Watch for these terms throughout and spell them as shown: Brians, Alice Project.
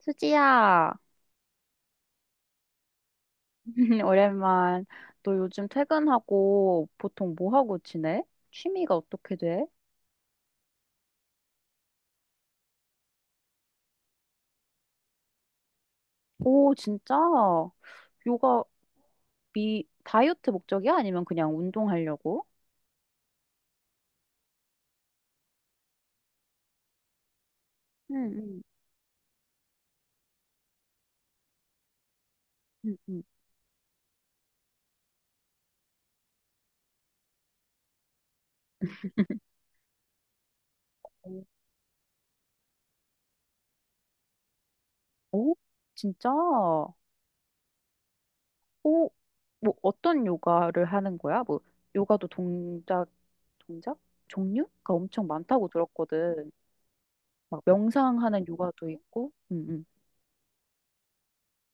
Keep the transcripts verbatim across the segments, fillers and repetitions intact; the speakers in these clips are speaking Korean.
수지야, 오랜만. 너 요즘 퇴근하고 보통 뭐 하고 지내? 취미가 어떻게 돼? 오, 진짜? 요가 미 다이어트 목적이야? 아니면 그냥 운동하려고? 응, 응, 응. 응. 오, 진짜? 오, 뭐 어떤 요가를 하는 거야? 뭐 요가도 동작, 동작? 종류가 엄청 많다고 들었거든. 막 명상하는 요가도 있고. 응, 응.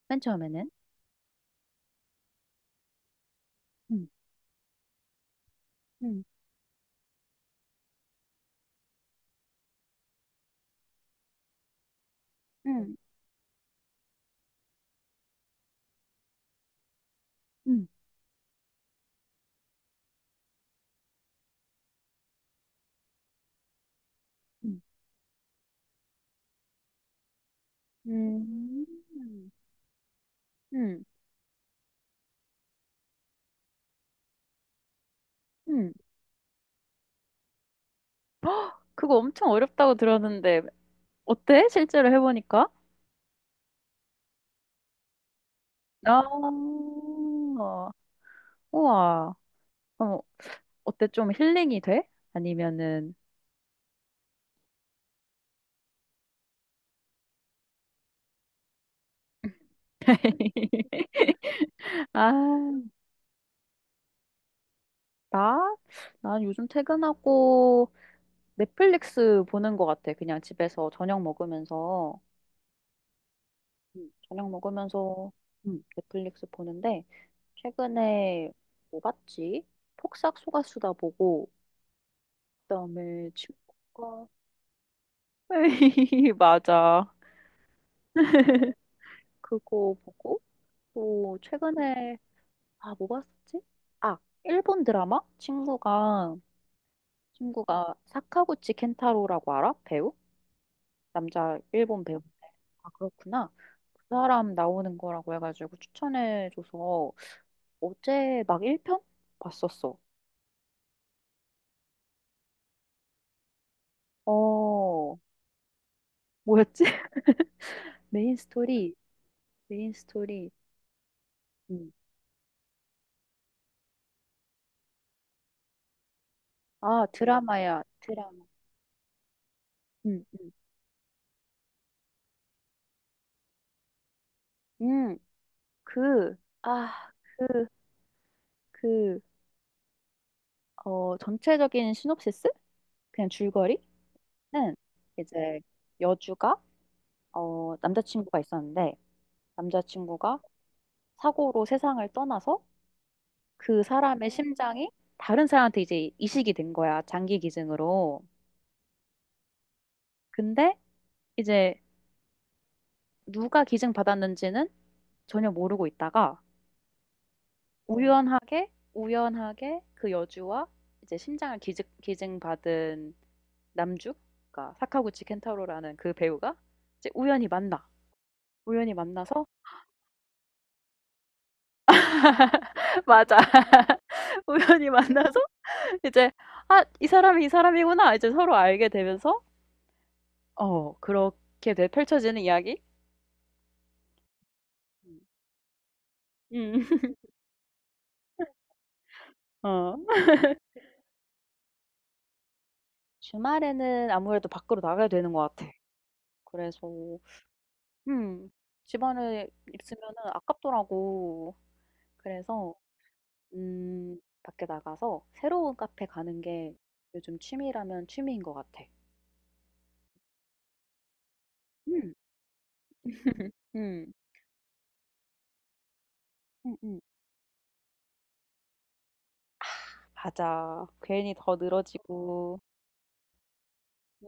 맨 처음에는? 응. 응, 응, 응. 음, 응, 응. 그거 엄청 어렵다고 들었는데, 어때? 실제로 해보니까? 아, 우와. 그럼 어때? 좀 힐링이 돼? 아니면은, 아, 나? 난 요즘 퇴근하고 넷플릭스 보는 것 같아. 그냥 집에서 저녁 먹으면서, 음, 저녁 먹으면서 음, 넷플릭스 보는데, 최근에 뭐 봤지? 폭삭 속가수다 보고, 그다음에 친구가 맞아. 그거 보고 또 최근에 아, 뭐 봤었지? 아, 일본 드라마? 친구가 친구가 사카구치 켄타로라고 알아? 배우? 남자 일본 배우. 아, 그렇구나. 그 사람 나오는 거라고 해가지고 추천해줘서 어제 막 일 편 봤었어. 어, 뭐였지? 메인 스토리, 메인 스토리. 음. 아, 드라마야, 드라마. 음, 음. 그, 아, 그, 그, 어, 전체적인 시놉시스? 그냥 줄거리는 이제 여주가, 어, 남자친구가 있었는데, 남자친구가 사고로 세상을 떠나서 그 사람의 심장이 다른 사람한테 이제 이식이 된 거야, 장기 기증으로. 근데 이제 누가 기증 받았는지는 전혀 모르고 있다가, 우연하게, 우연하게 그 여주와 이제 심장을 기증, 기증받은 남주, 그러니까 사카구치 켄타로라는 그 배우가 이제 우연히 만나. 우연히 만나서 맞아. 우연히 만나서 이제 아, 이 사람이 이 사람이구나. 이제 서로 알게 되면서 어, 그렇게 돼- 펼쳐지는 이야기? 음. 어. 주말에는 아무래도 밖으로 나가야 되는 것 같아. 그래서 음, 집안에 있으면은 아깝더라고. 그래서 음, 밖에 나가서 새로운 카페 가는 게 요즘 취미라면 취미인 것 같아. 음. 음. 음음. 맞아. 괜히 더 늘어지고.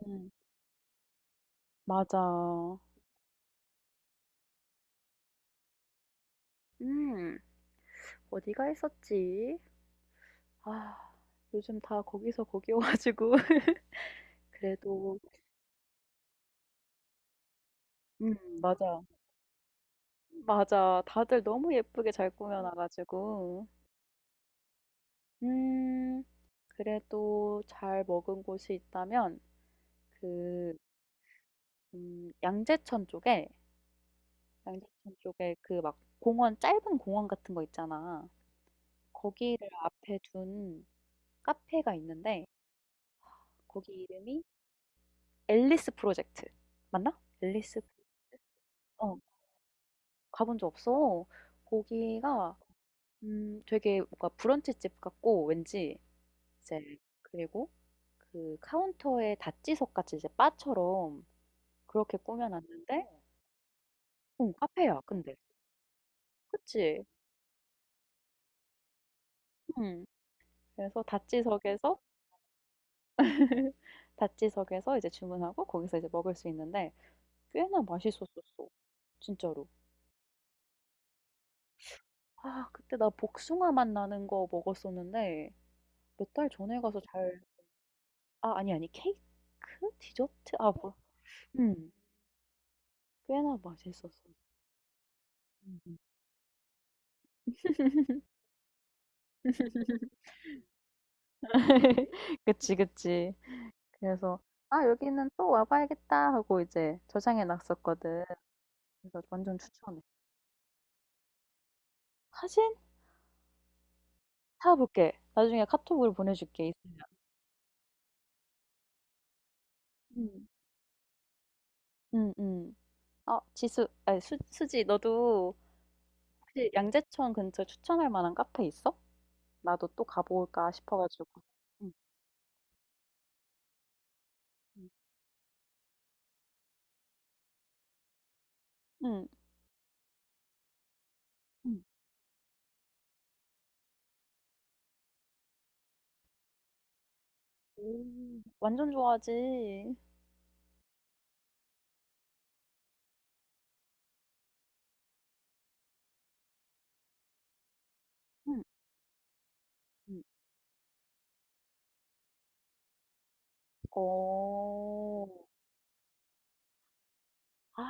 음. 맞아. 음. 어디가 했었지? 아. 요즘 다 거기서 거기 여 가지고 그래도 음 맞아. 맞아. 다들 너무 예쁘게 잘 꾸며 놔 가지고. 음. 그래도 잘 먹은 곳이 있다면 그 음 양재천 쪽에 양재천 쪽에 그 막 공원 짧은 공원 같은 거 있잖아. 거기를 앞에 둔 카페가 있는데 거기 이름이 앨리스 프로젝트. 맞나? 앨리스 어, 가본 적 없어. 거기가 음, 되게 뭔가 브런치집 같고 왠지 이제 그리고 그 카운터에 다찌석 같이 이제 바처럼 그렇게 꾸며놨는데 응, 카페야. 근데 그치? 응. 그래서 다찌석에서 다찌석에서 이제 주문하고 거기서 이제 먹을 수 있는데 꽤나 맛있었었어. 진짜로. 아 그때 나 복숭아 맛 나는 거 먹었었는데 몇 달 전에 가서 잘 아 아니, 아니 케이크? 디저트? 아 뭐 음. 꽤나 맛있었어. 음 그치, 그치. 그래서 '아 여기는 또 와 봐야겠다.' 하고 이제 저장해 놨었거든. 그래서 완전 추천해. 사진 사 볼게. 나중에 카톡으로 보내줄게 있으면. 음. 음음. 어 지수 아니 수 수지 너도 혹시 양재천 근처 추천할 만한 카페 있어? 나도 또 가볼까 싶어 가지고. 응. 응 응. 응 오. 완전 좋아하지. 응, 응, 어. 아.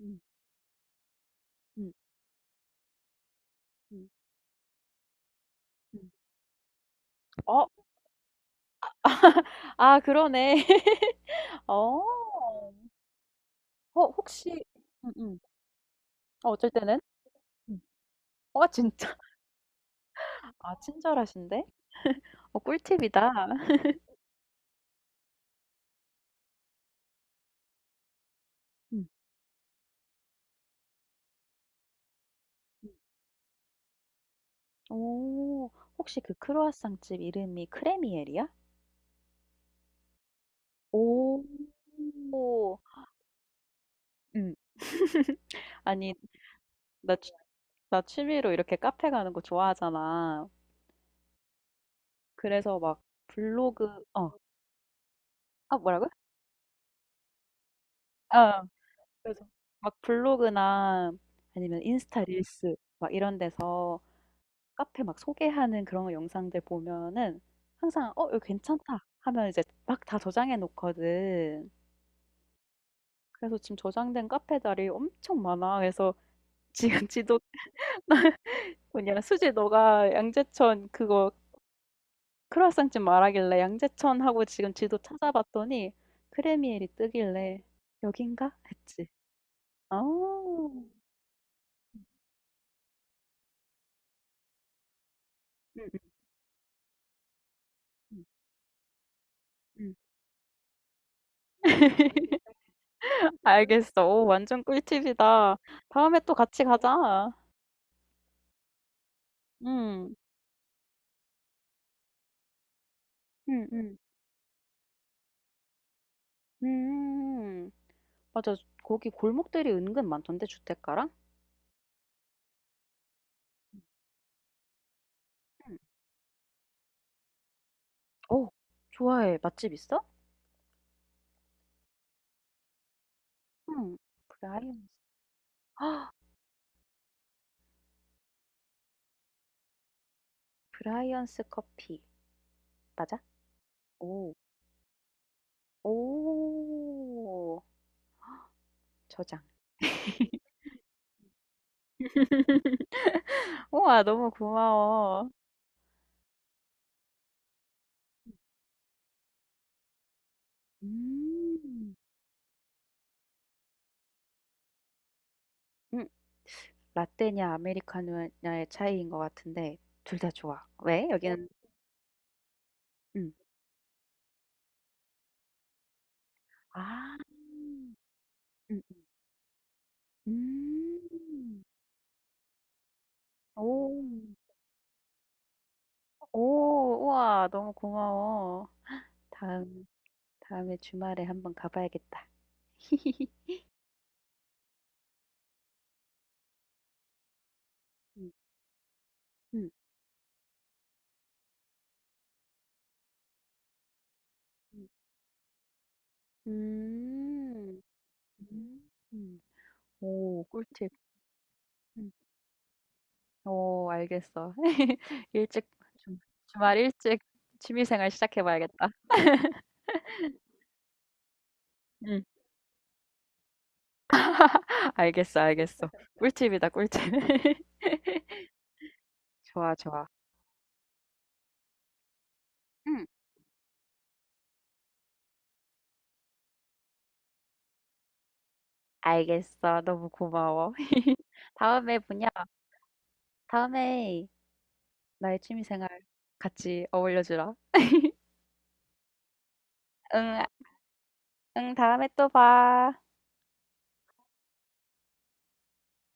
응 응 응 응 어. 아 그러네. 어. 어 혹시 응 응 어 어쩔 때는? 응. 어 진짜? 아 친절하신데? 어 꿀팁이다. 응 응 오. 혹시 그 크루아상 집 이름이 크레미엘이야? 오. 오. 응 아니 나진 나 취미로 이렇게 카페 가는 거 좋아하잖아. 그래서 막 블로그, 어, 아, 뭐라고? 아, 그래서 막 블로그나 아니면 인스타 릴스 막 이런 데서 카페 막 소개하는 그런 영상들 보면은 항상 어, 이거 괜찮다 하면 이제 막 다 저장해 놓거든. 그래서 지금 저장된 카페 자리 엄청 많아. 그래서 지금 지도 뭐냐 수지 너가 양재천 그거 크루아상집 말하길래 양재천 하고 지금 지도 찾아봤더니 크레미엘이 뜨길래 '여긴가?' 했지. 아. 음음음. 음. 음, 음. 알겠어. 오 완전 꿀팁이다. 다음에 또 같이 가자. 음. 음음. 음. 음. 맞아. 거기 골목들이 은근 많던데 주택가랑? 음. 오, 좋아해. 맛집 있어? 응. 브라이언스 브라이언스 커피 맞아? 오. 오. 저장. 우와, 너무 고마워. 음. 음. 라떼냐 아메리카노냐의 차이인 것 같은데 둘 다 좋아. 왜? 네. 여기는 음. 아. 음. 음. 오. 오, 우와, 너무 고마워. 다음 다음에 주말에 한번 가 봐야겠다. 음. 음. 음. 음. 음. 오, 꿀팁. 응. 어 알겠어. 일찍 주 주말 일찍 취미 생활 시작해 봐야겠다. 응. 알겠어, 알겠어. 꿀팁이다, 꿀팁. 좋아, 좋아. 응. 알겠어. 너무 고마워. 다음에 뭐냐? 다음에 나의 취미 생활 같이 어울려 주라. 응, 아 응. 다음에 또 봐.